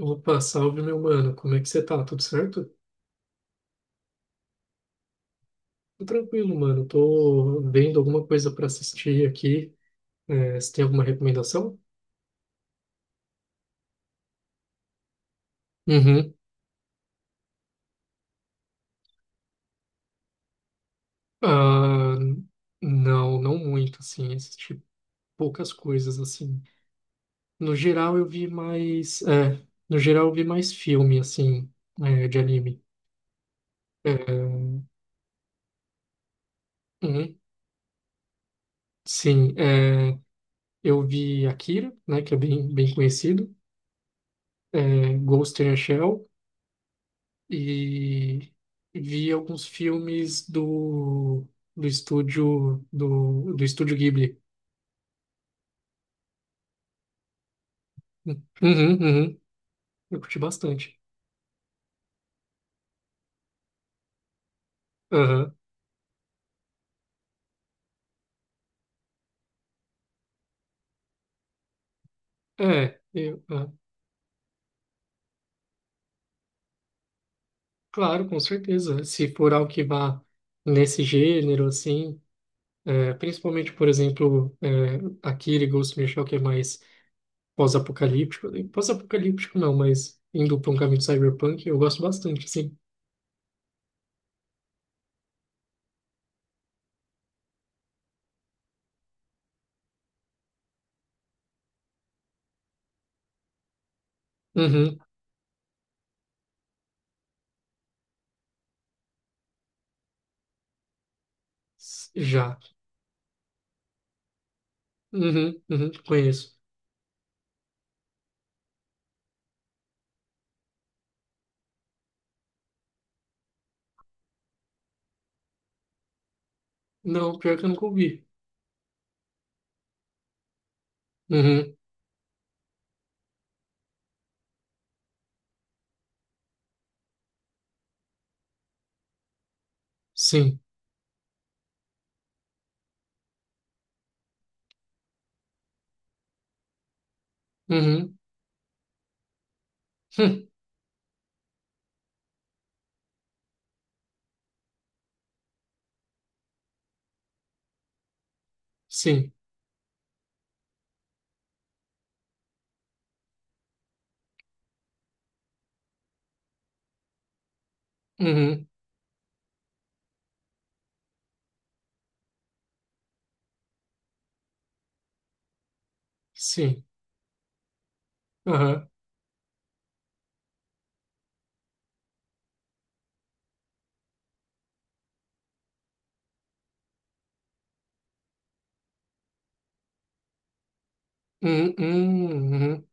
Opa, salve meu mano, como é que você tá? Tudo certo? Tô tranquilo, mano. Tô vendo alguma coisa pra assistir aqui. É, você tem alguma recomendação? Uhum. Ah, não, não muito, assim. Assisti poucas coisas, assim. No geral eu vi mais. É, no geral eu vi mais filme, assim, de anime. É, uhum. Sim, é, eu vi Akira, né, que é bem, bem conhecido. É, Ghost in the Shell, e vi alguns filmes do estúdio Ghibli. Hum. Uhum, uhum. Eu curti bastante. Aham. É, claro, com certeza. Se for algo que vá nesse gênero, assim, é, principalmente, por exemplo, é, Akira e Ghost in the Shell, que é mais pós-apocalíptico. Pós-apocalíptico não, mas indo para um caminho cyberpunk, eu gosto bastante, sim. Uhum. Já. Uhum, uhum, conheço. Não, pior que eu nunca ouvi. Uhum. Sim. Uhum. Hum. Sim. Uhum. Sim. Aham. Uhum. Uhum. Uhum.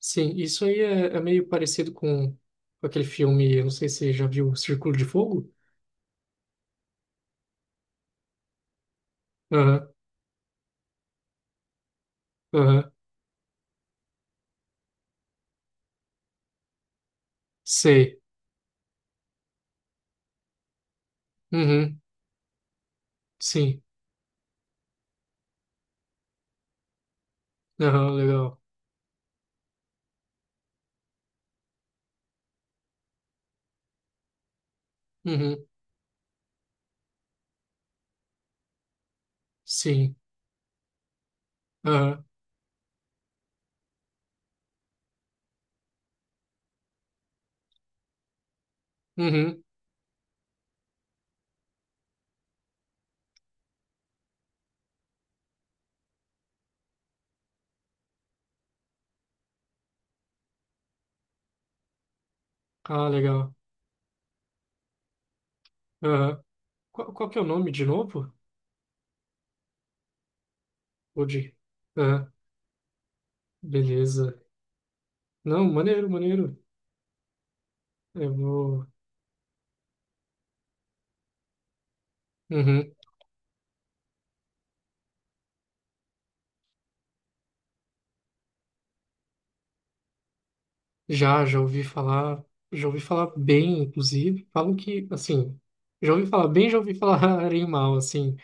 Sim. Isso aí é meio parecido com aquele filme. Eu não sei se você já viu, Círculo de Fogo? Aham. Aham. Sei. Uhum. Sim. Aham, legal. Uhum. Sim. Aham. Uhum. Ah, legal. Aham. Qual que é o nome de novo? O de... Aham. Beleza. Não, maneiro, maneiro. Eu vou... Uhum. Já ouvi falar, já ouvi falar bem, inclusive. Falam que, assim, já ouvi falar bem, já ouvi falar em mal, assim.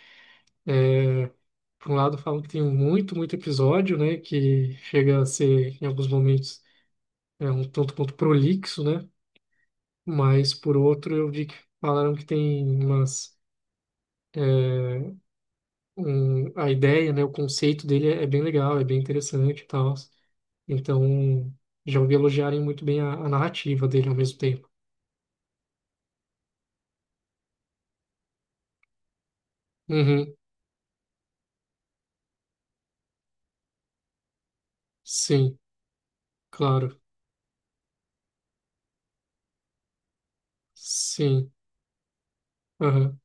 Por um lado, falam que tem muito, muito episódio, né? Que chega a ser, em alguns momentos, um tanto quanto prolixo, né? Mas, por outro, eu vi que falaram que tem umas. é, a ideia, né? O conceito dele é bem legal, é bem interessante e tal. Então, já ouvi elogiarem muito bem a narrativa dele ao mesmo tempo. Uhum, sim, claro. Sim. Aham.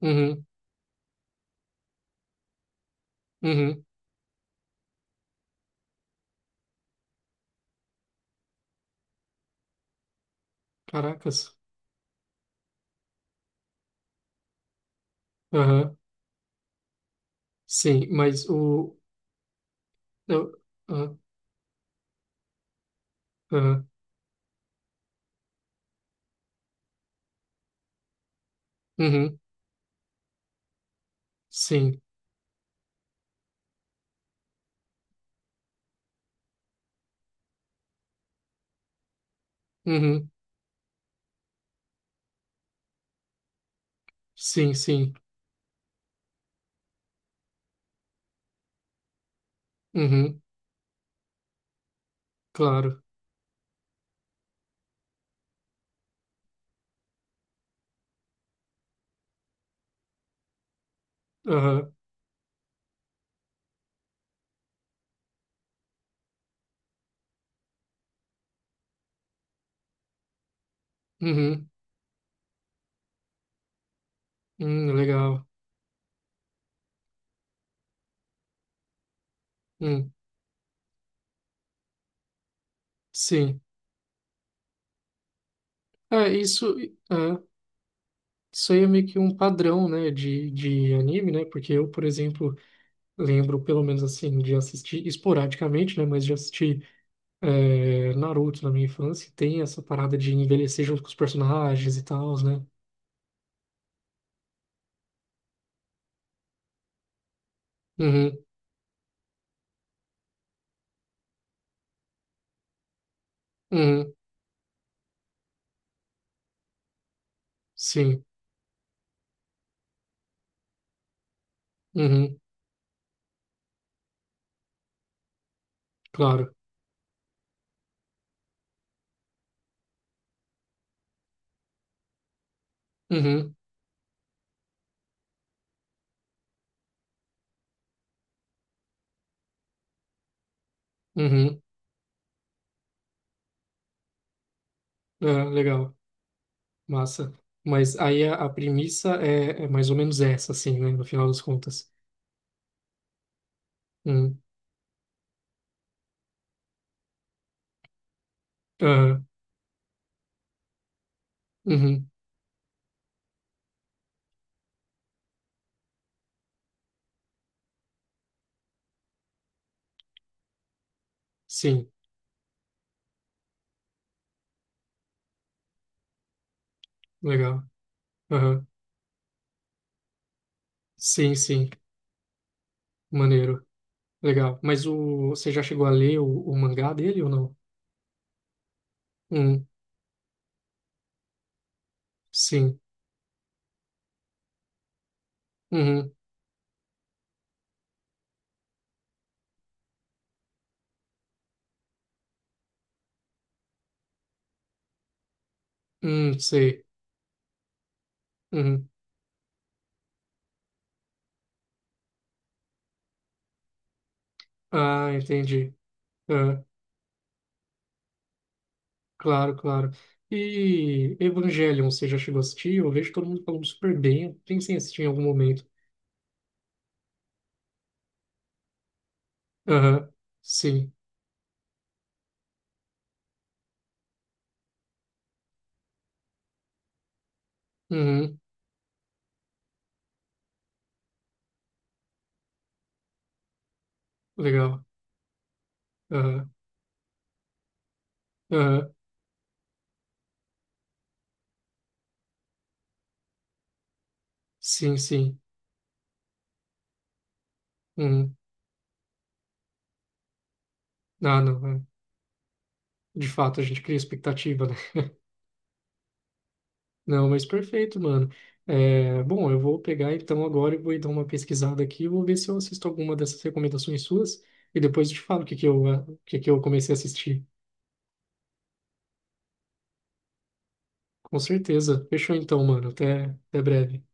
Uhum. Uhum. Caracas. Aham. Sim, mas o. Eu... Aham. Aham. Uhum. Sim. Uhum. Sim, sim. Uhum. Claro. Aham. Uhum. Legal. Hum. Sim. É, isso, é, isso aí é meio que um padrão, né, de anime, né? Porque eu, por exemplo, lembro, pelo menos assim, de assistir esporadicamente, né? Mas de assistir. Naruto na minha infância tem essa parada de envelhecer junto com os personagens e tal, né? Uhum, uhum, sim, uhum, claro. Uhum, uhum, legal, massa. Mas aí a premissa é mais ou menos essa, assim, né? No final das contas. Uhum, aham, uhum, sim, legal. Aham, sim, sim, maneiro, legal. Você já chegou a ler o mangá dele ou não? Uhum, sim, uhum, uhum, sei. Uhum. Ah, entendi. É, claro, claro. E Evangelion, você já chegou a assistir? Eu vejo todo mundo falando super bem. Eu pensei em assistir em algum momento. Aham, sim. Uhum, legal. Aham, aham, sim, sim. Uhum. Ah, não. É. De fato, a gente cria expectativa, né? Não, mas perfeito, mano. É, bom, eu vou pegar então agora e vou dar uma pesquisada aqui. Vou ver se eu assisto alguma dessas recomendações suas. E depois eu te falo o que que eu comecei a assistir. Com certeza. Fechou então, mano. Até breve.